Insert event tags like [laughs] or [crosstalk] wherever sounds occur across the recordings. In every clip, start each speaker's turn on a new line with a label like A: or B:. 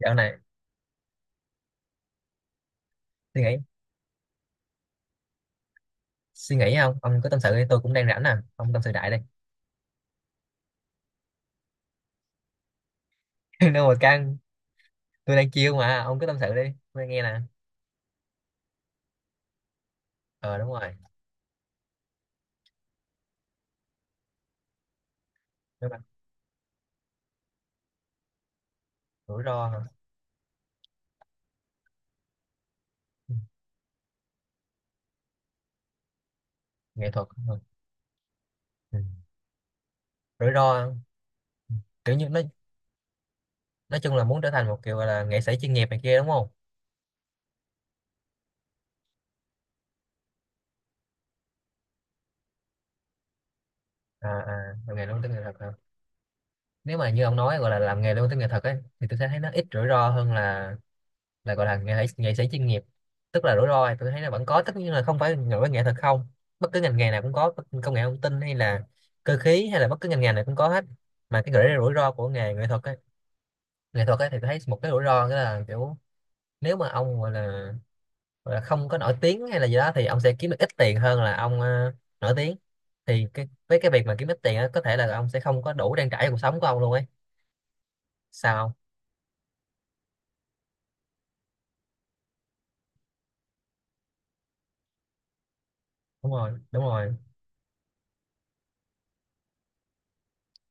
A: Dạo này suy nghĩ suy nghĩ không? Ông cứ tâm sự đi, tôi cũng đang rảnh nè, ông tâm sự đại đi. [laughs] Đâu mà căng, tôi đang chiêu mà, ông cứ tâm sự đi, tôi nghe nè. Ờ, đúng rồi. Nếu mà rủi ro hả? Ừ, nghệ thuật, ừ. Ừ. Rủi ro kiểu như nói chung là muốn trở thành một kiểu gọi là nghệ sĩ chuyên nghiệp này kia đúng không? À, làm nghề luôn tới nghệ thuật hả? Nếu mà như ông nói gọi là làm nghề luôn tới nghệ thuật ấy thì tôi sẽ thấy nó ít rủi ro hơn là gọi là nghệ sĩ chuyên nghiệp. Tức là rủi ro thì tôi thấy nó vẫn có, tất nhiên là không phải nổi nghệ thuật không, bất cứ ngành nghề nào cũng có, công nghệ thông tin hay là cơ khí hay là bất cứ ngành nghề nào cũng có hết. Mà cái gọi rủi ro của nghề nghệ thuật ấy, thì tôi thấy một cái rủi ro đó là kiểu nếu mà ông gọi là không có nổi tiếng hay là gì đó thì ông sẽ kiếm được ít tiền hơn là ông, nổi tiếng. Thì cái với cái việc mà kiếm ít tiền á, có thể là ông sẽ không có đủ trang trải cuộc sống của ông luôn ấy, sao không? Đúng rồi, đúng rồi.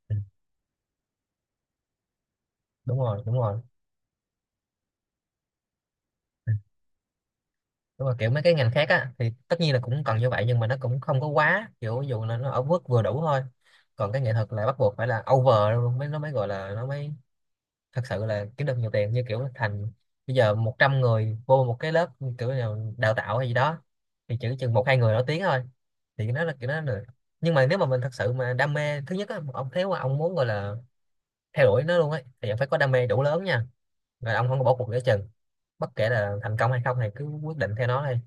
A: Ừ, đúng rồi, đúng rồi. Đúng rồi, kiểu mấy cái ngành khác á thì tất nhiên là cũng cần như vậy, nhưng mà nó cũng không có quá kiểu, ví dụ là nó ở mức vừa đủ thôi, còn cái nghệ thuật là bắt buộc phải là over luôn mới, nó mới gọi là, nó mới thật sự là kiếm được nhiều tiền, như kiểu thành bây giờ 100 người vô một cái lớp kiểu là đào tạo hay gì đó thì chỉ chừng một hai người nổi tiếng thôi. Thì nó là kiểu, nó là, nhưng mà nếu mà mình thật sự mà đam mê thứ nhất á ông, nếu mà ông muốn gọi là theo đuổi nó luôn ấy thì ông phải có đam mê đủ lớn nha, rồi ông không có bỏ cuộc giữa chừng, bất kể là thành công hay không thì cứ quyết định theo nó đi.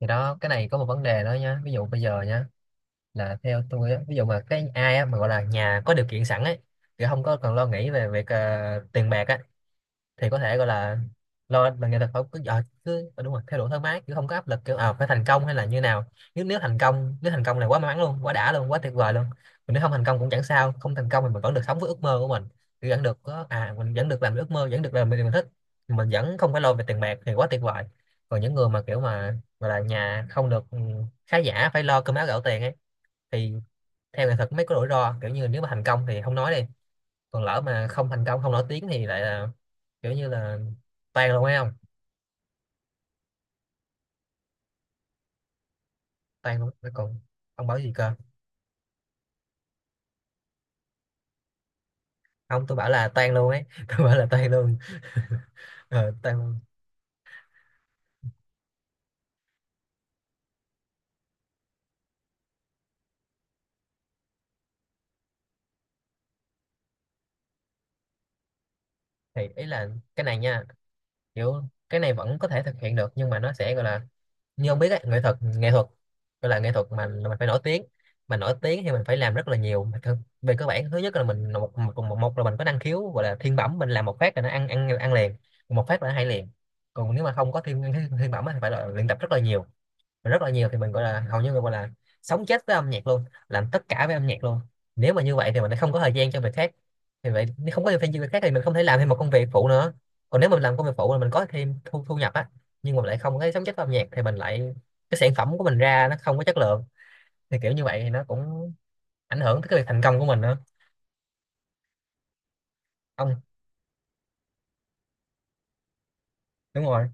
A: Thì đó, cái này có một vấn đề đó nhá, ví dụ bây giờ nhá, là theo tôi á, ví dụ mà cái ai á mà gọi là nhà có điều kiện sẵn ấy thì không có cần lo nghĩ về việc tiền bạc á, thì có thể gọi là lo mà nghệ thuật, phải cứ đúng rồi, theo đuổi thoải mái chứ không có áp lực kiểu phải thành công hay là như nào. Nếu nếu thành công nếu thành công là quá may mắn luôn, quá đã luôn, quá tuyệt vời luôn. Còn nếu không thành công cũng chẳng sao, không thành công thì mình vẫn được sống với ước mơ của mình. Kiểu vẫn được có à, mình vẫn được làm ước mơ, vẫn được làm điều mình thích, mình vẫn không phải lo về tiền bạc thì quá tuyệt vời. Còn những người mà kiểu mà gọi là nhà không được, khá giả, phải lo cơm áo gạo tiền ấy, thì theo nghệ thuật mới có rủi ro, kiểu như nếu mà thành công thì không nói đi, còn lỡ mà không thành công, không nổi tiếng thì lại là kiểu như là tan luôn ấy không? Tan luôn nó còn. Ông bảo gì cơ? Không, tôi bảo là tan luôn ấy. [laughs] Tôi bảo là tan luôn. Ờ, tan luôn. Thì ý là cái này nha, kiểu cái này vẫn có thể thực hiện được nhưng mà nó sẽ gọi là, như ông biết ấy, nghệ thuật gọi là nghệ thuật mà mình phải nổi tiếng, mà nổi tiếng thì mình phải làm rất là nhiều. Về cơ bản thứ nhất là mình là một là mình có năng khiếu gọi là thiên bẩm, mình làm một phát là nó ăn ăn ăn liền, một phát là nó hay liền. Còn nếu mà không có thiên thiên, thiên bẩm á thì phải là luyện tập rất là nhiều, rất là nhiều, thì mình gọi là hầu như mình gọi là sống chết với âm nhạc luôn, làm tất cả với âm nhạc luôn. Nếu mà như vậy thì mình lại không có thời gian cho việc khác. Thì vậy nếu không có thời gian cho việc khác thì mình không thể làm thêm một công việc phụ nữa, còn nếu mình làm công việc phụ là mình có thêm thu thu nhập á, nhưng mà lại không có sống chết với âm nhạc thì mình lại, cái sản phẩm của mình ra nó không có chất lượng, thì kiểu như vậy thì nó cũng ảnh hưởng tới cái việc thành công của mình nữa, ông. Đúng rồi,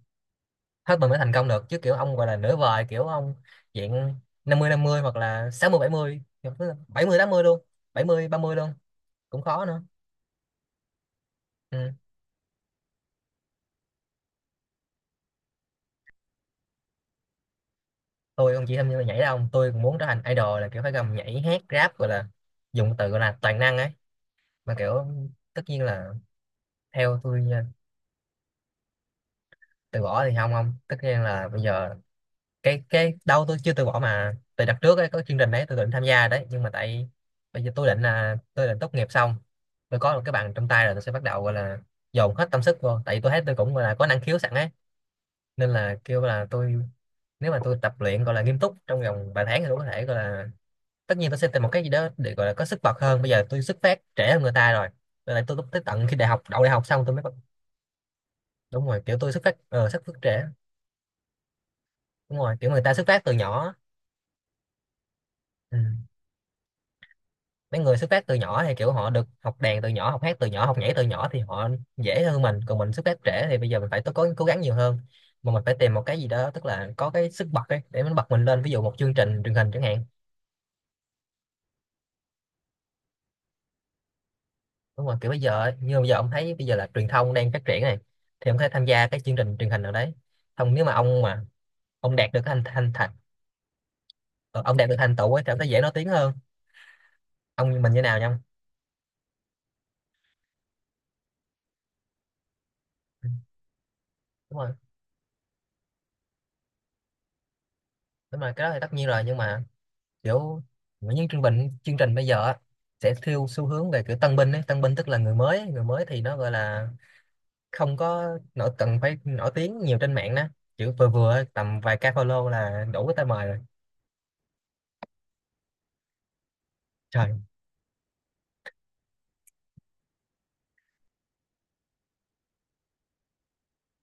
A: hết mình mới thành công được chứ, kiểu ông gọi là nửa vời, kiểu ông diện 50 50 hoặc là sáu mươi mươi bảy mươi, bảy mươi tám mươi luôn, 70 30 luôn, cũng khó nữa. Ừ. Tôi không chỉ tham gia nhảy đâu ông, tôi cũng muốn trở thành idol, là kiểu phải gầm nhảy hát rap, gọi là dùng từ gọi là toàn năng ấy, mà kiểu, tất nhiên là theo tôi nha, từ bỏ thì không, không, tất nhiên là bây giờ cái đâu, tôi chưa từ bỏ mà, từ đợt trước ấy có chương trình đấy tôi định tham gia đấy nhưng mà tại bây giờ tôi định là, tôi định tốt nghiệp xong, tôi có một cái bằng trong tay rồi tôi sẽ bắt đầu gọi là dồn hết tâm sức vô, tại vì tôi thấy tôi cũng gọi là có năng khiếu sẵn ấy, nên là kêu là tôi, nếu mà tôi tập luyện gọi là nghiêm túc trong vòng vài tháng thì tôi có thể gọi là, tất nhiên tôi sẽ tìm một cái gì đó để gọi là có sức bật hơn, bây giờ tôi xuất phát trễ hơn người ta rồi, nên là tôi lúc tới tận khi đại học, đậu đại học xong tôi mới đúng rồi, kiểu tôi xuất phát, xuất phát trễ. Đúng rồi, kiểu người ta xuất phát từ nhỏ. Ừ. Mấy người xuất phát từ nhỏ thì kiểu họ được học đàn từ nhỏ, học hát từ nhỏ, học nhảy từ nhỏ, thì họ dễ hơn mình, còn mình xuất phát trễ thì bây giờ mình phải, tôi có cố gắng nhiều hơn, mà mình phải tìm một cái gì đó tức là có cái sức bật ấy để mình bật mình lên, ví dụ một chương trình truyền hình chẳng hạn. Đúng rồi, kiểu bây giờ ấy, như bây giờ ông thấy bây giờ là truyền thông đang phát triển này, thì ông có thể tham gia cái chương trình truyền hình nào đấy, không nếu mà ông đạt được thành thành thành, ờ, ông đạt được thành tựu ấy cảm thấy dễ nói tiếng hơn. Ông như mình như nào nhau. Ừ, đúng rồi, đúng rồi cái đó thì tất nhiên rồi, nhưng mà kiểu những chương trình bây giờ á, sẽ theo xu hướng về kiểu tân binh ấy, tân binh tức là người mới ấy. Người mới thì nó gọi là không có nổi, cần phải nổi tiếng nhiều trên mạng đó, kiểu vừa vừa ấy, tầm vài ca follow là đủ cái tay mời rồi. Trời,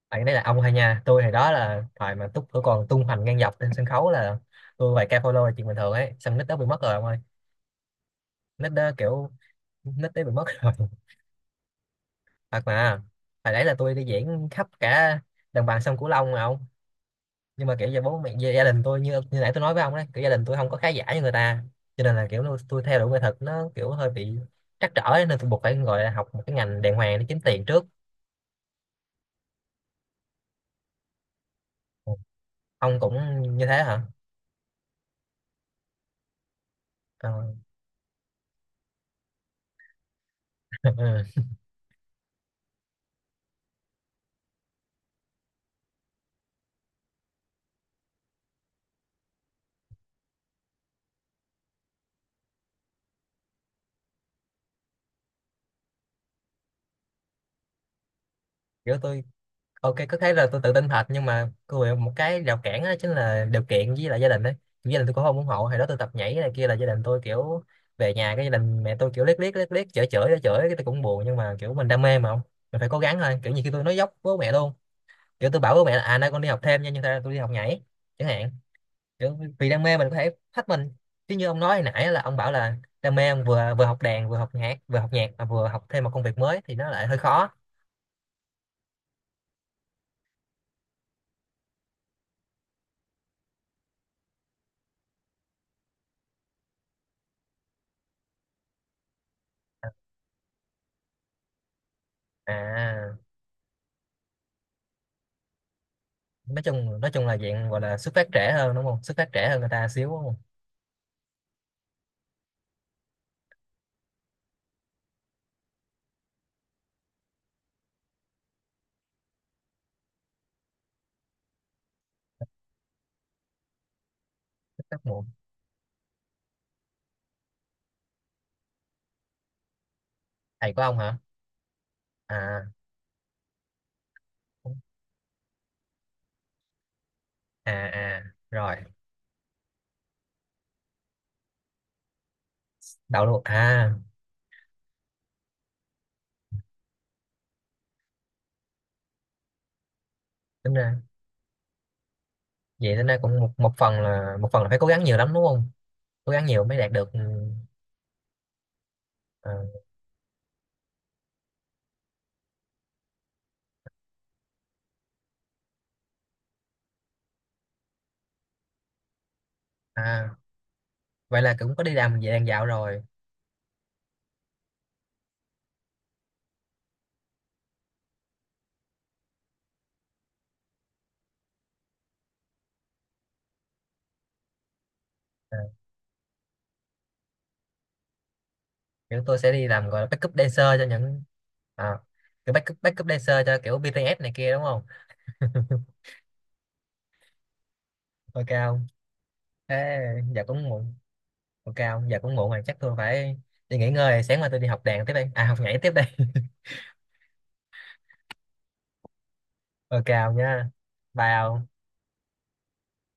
A: bạn đấy là ông hay nha, tôi thì đó là thời mà túc tôi còn tung hoành ngang dọc trên sân khấu là tôi vài ca follow là chuyện bình thường ấy, xong nick đó bị mất rồi ông ơi, nick đó kiểu, nick đấy bị mất rồi. Thật mà, hồi đấy là tôi đi diễn khắp cả đồng bằng sông Cửu Long mà ông, nhưng mà kiểu giờ bố mẹ gia gia đình tôi như, như nãy tôi nói với ông đấy, kiểu gia đình tôi không có khá giả như người ta, cho nên là kiểu tôi theo đuổi nghệ thuật nó kiểu hơi bị trắc trở ấy, nên tôi buộc phải gọi là học một cái ngành đàng hoàng để kiếm tiền trước. Ông cũng như thế hả? Ờ. [laughs] Ừ. Kiểu tôi, ok có thấy là tôi tự tin thật nhưng mà cô bị một cái rào cản đó chính là điều kiện với lại gia đình đấy. Gia đình tôi cũng không ủng hộ, hồi đó tôi tập nhảy này kia là gia đình tôi kiểu, về nhà cái gia đình mẹ tôi kiểu liếc liếc liếc liếc, chửi chửi chửi, cái tôi cũng buồn, nhưng mà kiểu mình đam mê mà, không mình phải cố gắng thôi, kiểu như khi tôi nói dốc với bố mẹ luôn, kiểu tôi bảo bố mẹ là à nay con đi học thêm nha nhưng thật ra tôi đi học nhảy chẳng hạn, kiểu vì đam mê mình có thể thách mình, chứ như ông nói hồi nãy là ông bảo là đam mê, ông vừa vừa học đàn vừa học nhạc mà vừa học thêm một công việc mới thì nó lại hơi khó. À, nói chung là dạng gọi là xuất phát trễ hơn đúng không, xuất phát trễ hơn người ta xíu đúng không? Xuất phát muộn, thầy của ông hả? À, à, à, rồi. Đậu luôn à? Tính ra, vậy tính ra cũng một một phần là, một phần là phải cố gắng nhiều lắm đúng không, cố gắng nhiều mới đạt được, ờ. À, vậy là cũng có đi làm về đàn dạo rồi. à, Kiểu tôi sẽ đi làm gọi là backup dancer cho những, à, kiểu backup backup dancer cho kiểu BTS này kia đúng không? [laughs] Ok không? Thế giờ cũng muộn, ok ông giờ cũng muộn rồi chắc tôi phải đi nghỉ ngơi, sáng mai tôi đi học đàn tiếp đây, à học nhảy tiếp đây. [laughs] Ok ông nha, bye ông.